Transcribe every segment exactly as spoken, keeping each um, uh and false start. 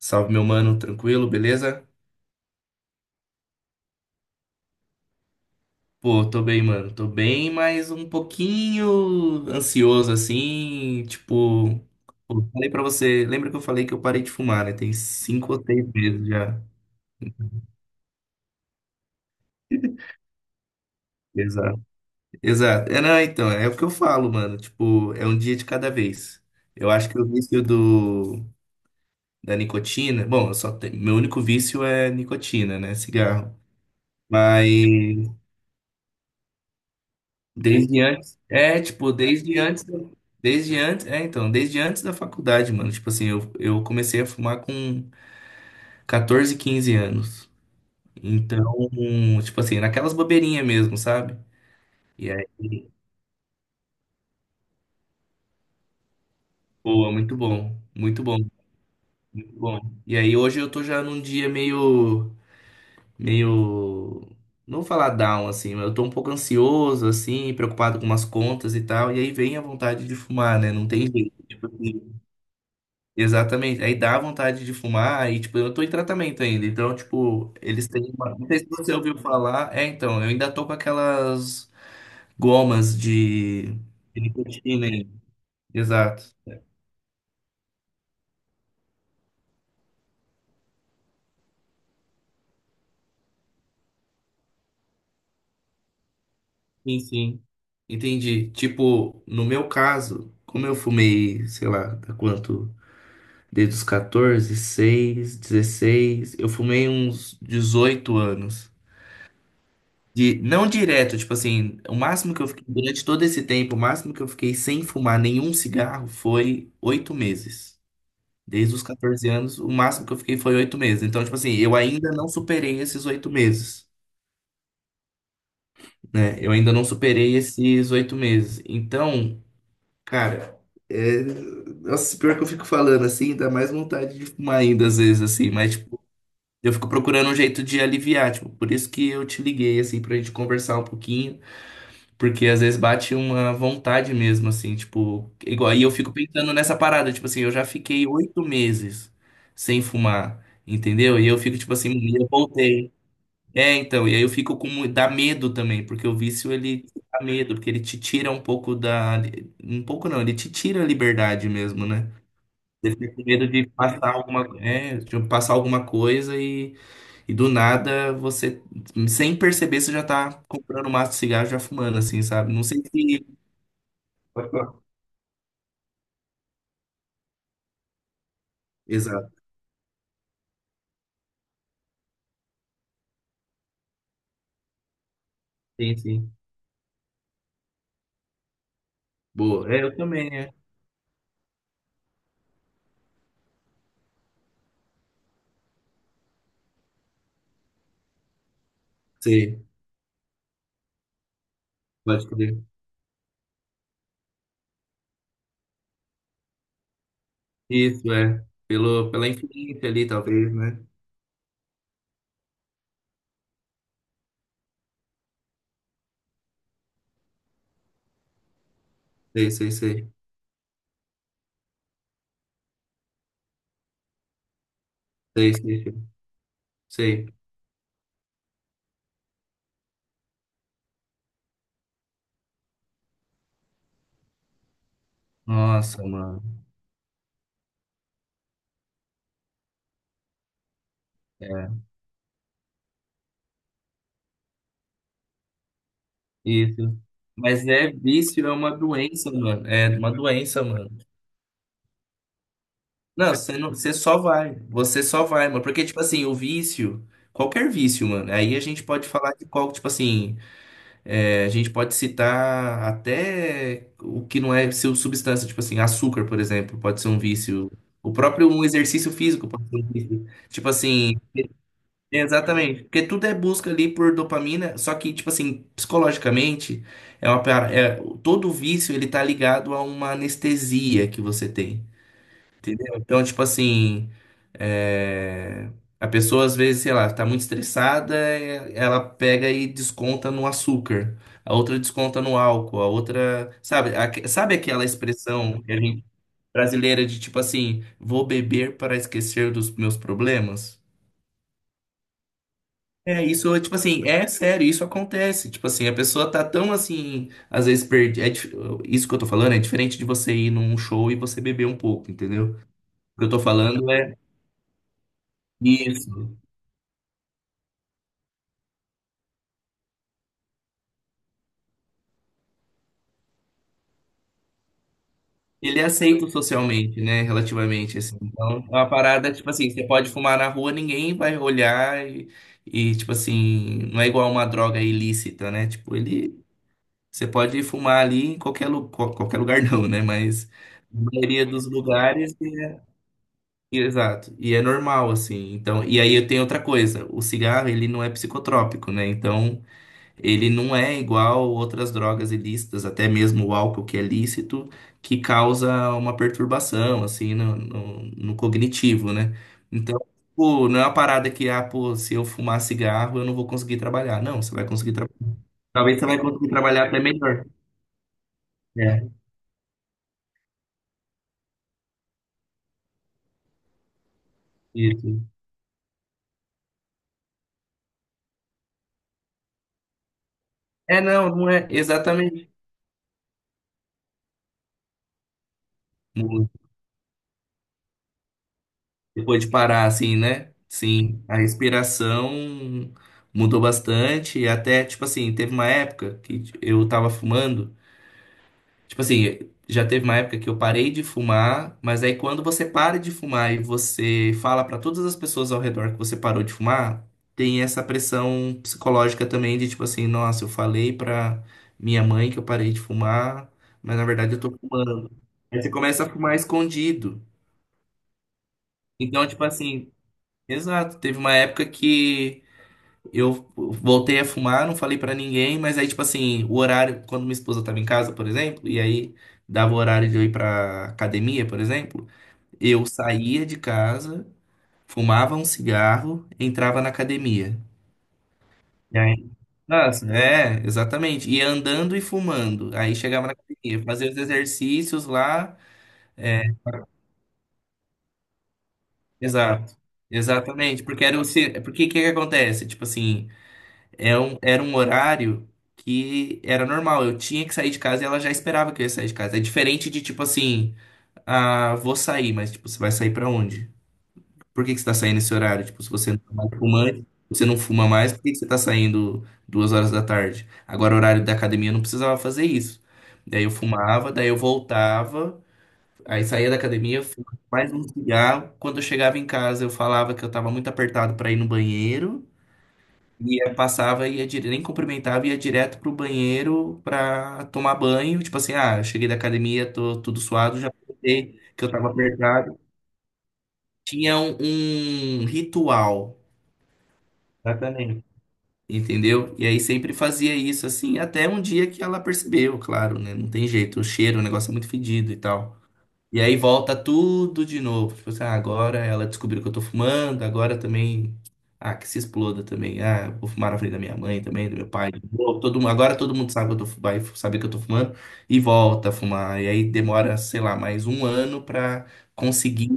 Salve, meu mano, tranquilo, beleza? Pô, tô bem, mano. Tô bem, mas um pouquinho ansioso assim, tipo, pô, falei pra você, lembra que eu falei que eu parei de fumar, né? Tem cinco ou seis meses já. Exato. Exato. É, não, então, é o que eu falo, mano. Tipo, é um dia de cada vez. Eu acho que o vício do, da nicotina. Bom, eu só tenho, meu único vício é nicotina, né? Cigarro. Mas. Desde antes, é, tipo, desde antes, da- desde antes, é, então, desde antes da faculdade, mano. Tipo assim, eu, eu comecei a fumar com quatorze, quinze anos. Então, tipo assim, naquelas bobeirinhas mesmo, sabe? E aí, pô, é muito bom, muito bom, muito bom. E aí hoje eu tô já num dia meio, meio, não vou falar down, assim, mas eu tô um pouco ansioso, assim, preocupado com umas contas e tal. E aí vem a vontade de fumar, né? Não tem jeito. Tipo assim, exatamente. Aí dá vontade de fumar e, tipo, eu tô em tratamento ainda. Então, tipo, eles têm uma... Não sei se você ouviu falar. É, então, eu ainda tô com aquelas gomas de, de nicotina aí. Exato. Sim, sim. Entendi. Tipo, no meu caso, como eu fumei, sei lá, há quanto? Desde os catorze, seis, dezesseis, eu fumei uns dezoito anos. De, não direto, tipo assim, o máximo que eu fiquei, durante todo esse tempo, o máximo que eu fiquei sem fumar nenhum cigarro foi oito meses. Desde os catorze anos, o máximo que eu fiquei foi oito meses. Então, tipo assim, eu ainda não superei esses oito meses, né? Eu ainda não superei esses oito meses. Então, cara, é... Nossa, pior que eu fico falando assim, dá mais vontade de fumar ainda às vezes, assim, mas, tipo, eu fico procurando um jeito de aliviar, tipo, por isso que eu te liguei, assim, pra gente conversar um pouquinho. Porque às vezes bate uma vontade mesmo, assim, tipo, igual, aí eu fico pensando nessa parada, tipo assim, eu já fiquei oito meses sem fumar, entendeu? E eu fico, tipo assim, "Menino, eu voltei." É, então, e aí eu fico com, mu- dá medo também, porque o vício, ele dá medo, porque ele te tira um pouco da, um pouco não, ele te tira a liberdade mesmo, né? Ele fica com medo de passar alguma, é, de passar alguma coisa e, e do nada você sem perceber, você já tá comprando um maço de cigarro e já fumando, assim, sabe? Não sei se... Pode falar. Exato. Sim, sim. Boa. É, eu também, é. Sei. Pode crer. Isso, é. Pelo, pela influência ali, talvez, né? Sei, sei, sei. Sei, sei, sei. Sei. Nossa, mano. É, isso. Mas é vício, é uma doença, mano. É uma doença, mano. Não, você não, você só vai. Você só vai, mano. Porque, tipo assim, o vício, qualquer vício, mano. Aí a gente pode falar de qual, tipo assim. É, a gente pode citar até o que não é seu substância, tipo assim, açúcar, por exemplo, pode ser um vício. O próprio um exercício físico pode ser um vício. Tipo assim, é, exatamente. Porque tudo é busca ali por dopamina, só que, tipo assim, psicologicamente, é uma, pa- é, todo vício ele tá ligado a uma anestesia que você tem. Entendeu? Então, tipo assim, é, a pessoa às vezes, sei lá, tá muito estressada, é, ela pega e desconta no açúcar, a outra desconta no álcool, a outra, sabe, aque- sabe aquela expressão que a gente brasileira de tipo assim, vou beber para esquecer dos meus problemas? É, isso, tipo assim, é sério, isso acontece. Tipo assim, a pessoa tá tão assim, às vezes perde. É isso que eu tô falando é diferente de você ir num show e você beber um pouco, entendeu? O que eu tô falando é isso. Ele é aceito socialmente, né? Relativamente, assim. Então, é uma parada, tipo assim, você pode fumar na rua, ninguém vai olhar e, e, tipo assim, não é igual uma droga ilícita, né? Tipo, ele, você pode fumar ali em qualquer, lu- qual- qualquer lugar não, né? Mas na maioria dos lugares, é, exato. E é normal, assim. Então, e aí eu tenho outra coisa, o cigarro, ele não é psicotrópico, né? Então, ele não é igual outras drogas ilícitas, até mesmo o álcool que é lícito, que causa uma perturbação, assim, no, no- no cognitivo, né? Então, pô, não é uma parada que, ah, pô, se eu fumar cigarro, eu não vou conseguir trabalhar. Não, você vai conseguir trabalhar. Talvez você vai conseguir trabalhar até melhor. É, isso. É, não, não é exatamente. Mu- Depois de parar, assim, né? Sim, a respiração mudou bastante, e até, tipo assim, teve uma época que eu tava fumando. Tipo assim, já teve uma época que eu parei de fumar, mas aí quando você para de fumar e você fala pra todas as pessoas ao redor que você parou de fumar, tem essa pressão psicológica também de tipo assim, nossa, eu falei pra minha mãe que eu parei de fumar, mas na verdade eu tô fumando. Aí você começa a fumar escondido. Então, tipo assim, exato, teve uma época que eu voltei a fumar, não falei pra ninguém, mas aí, tipo assim, o horário, quando minha esposa tava em casa, por exemplo, e aí dava o horário de eu ir pra academia, por exemplo, eu saía de casa, fumava um cigarro, entrava na academia. E aí, nossa, é, exatamente. Ia andando e fumando. Aí chegava na academia, fazia os exercícios lá. É, exato. Exatamente, porque era o se- porque o que que acontece? Tipo assim, É um- era um horário que era normal. Eu tinha que sair de casa e ela já esperava que eu ia sair de casa. É diferente de tipo assim, ah, vou sair, mas tipo, você vai sair pra onde? Por que que você tá saindo esse horário? Tipo, se você não é mais fumante, você não fuma mais, por que que você tá saindo duas horas da tarde? Agora, o horário da academia eu não precisava fazer isso. Daí eu fumava, daí eu voltava, aí saía da academia, fumava mais um cigarro. Quando eu chegava em casa, eu falava que eu tava muito apertado pra ir no banheiro. Ia, passava, ia dire... nem cumprimentava, ia direto pro banheiro pra tomar banho. Tipo assim, ah, cheguei da academia, tô tudo suado, já aproveitei que eu tava apertado. Tinha um, um ritual. Exatamente. Entendeu? E aí sempre fazia isso assim, até um dia que ela percebeu, claro, né? Não tem jeito, o cheiro, o negócio é muito fedido e tal. E aí volta tudo de novo. Tipo assim, ah, agora ela descobriu que eu tô fumando, agora também. Ah, que se exploda também. Ah, eu vou fumar na frente da minha mãe também, do meu pai. De novo. Todo, mundo- agora todo mundo sabe que eu tô, fu- vai saber que eu tô fumando e volta a fumar. E aí demora, sei lá, mais um ano pra conseguir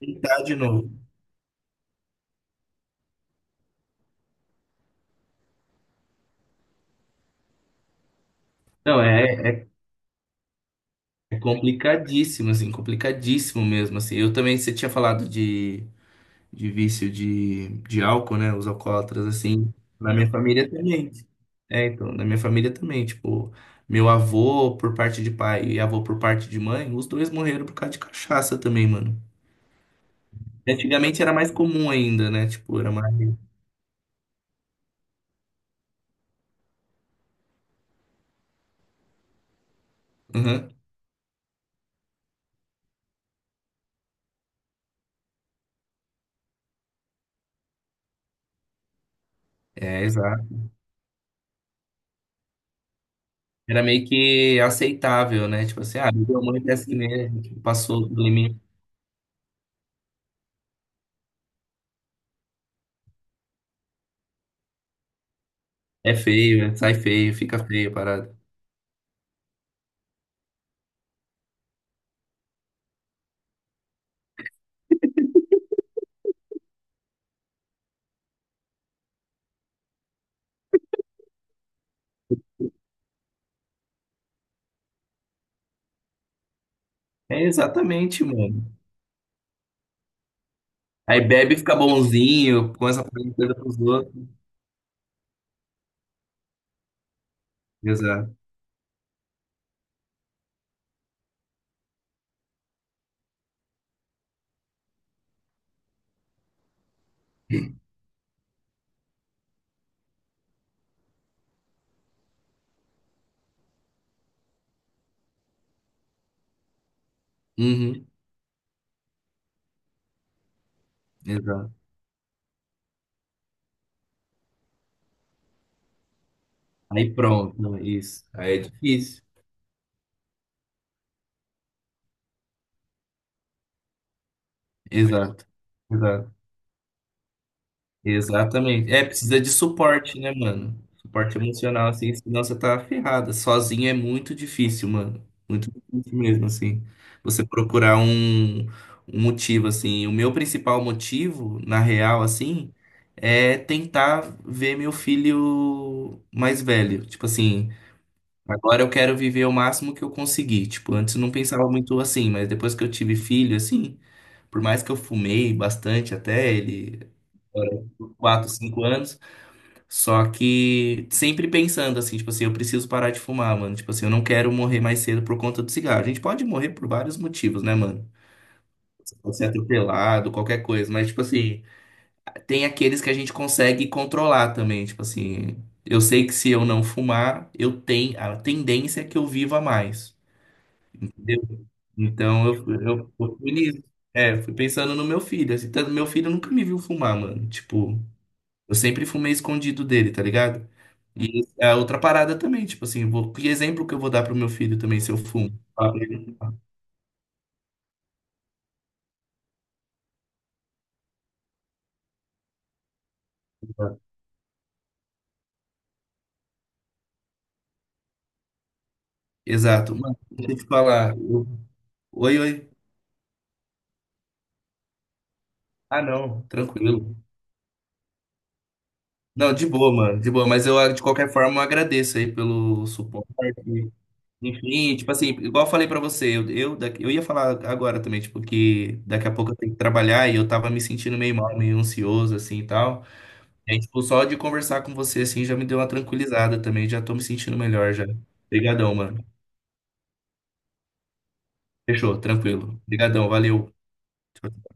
tentar de novo. Não, é, é complicadíssimo, assim, complicadíssimo mesmo, assim. Eu também, você tinha falado de. De vício de, de álcool, né? Os alcoólatras, assim. Na minha família também. É, então, na minha família também. Tipo, meu avô por parte de pai e avô por parte de mãe, os dois morreram por causa de cachaça também, mano. Antigamente era mais comum ainda, né? Tipo, era mais. Uhum. É, exato. Era meio que aceitável, né? Tipo assim, ah, bebeu muito é assim mesmo, tipo, passou do limite. É feio, é- sai feio, fica feio a parada. É exatamente, mano. Aí bebe e fica bonzinho, começa a fazer coisa pros outros. Exato. Uhum, exato. Aí pronto, não, isso. Aí é difícil. Exato. Exato. Exatamente. É, precisa de suporte, né, mano? Suporte emocional, assim, senão você tá ferrada. Sozinho é muito difícil, mano. Muito difícil mesmo, assim. Você procurar um, um motivo, assim. O meu principal motivo, na real, assim, é tentar ver meu filho mais velho. Tipo assim. Agora eu quero viver o máximo que eu conseguir. Tipo, antes eu não pensava muito assim, mas depois que eu tive filho, assim, por mais que eu fumei bastante até ele, agora, por quatro, cinco anos, só que sempre pensando assim, tipo assim, eu preciso parar de fumar, mano. Tipo assim, eu não quero morrer mais cedo por conta do cigarro. A gente pode morrer por vários motivos, né, mano? Você pode ser atropelado, qualquer coisa, mas, tipo assim, tem aqueles que a gente consegue controlar também, tipo assim. Eu sei que se eu não fumar, eu tenho a tendência é que eu viva mais. Deu. Então eu, eu, eu fui nisso. É, fui pensando no meu filho. Assim, tanto meu filho nunca me viu fumar, mano. Tipo, eu sempre fumei escondido dele, tá ligado? E a outra parada também, tipo assim, eu vou, que exemplo que eu vou dar pro meu filho também se eu fumo? Ah, pra ele não fumar. Exato. Mano, deixa eu te falar. eu- Oi, oi. Ah, não, tranquilo. Não, de boa, mano, de boa. Mas eu, de qualquer forma, eu agradeço aí pelo suporte. Enfim, tipo assim, igual eu falei pra você, eu, eu, da- eu ia falar agora também, tipo, que daqui a pouco eu tenho que trabalhar e eu tava me sentindo meio mal, meio ansioso, assim e tal. E aí, tipo, só de conversar com você, assim, já me deu uma tranquilizada também, já tô me sentindo melhor já. Obrigadão, mano. Fechou, tranquilo. Obrigadão, valeu. Tchau,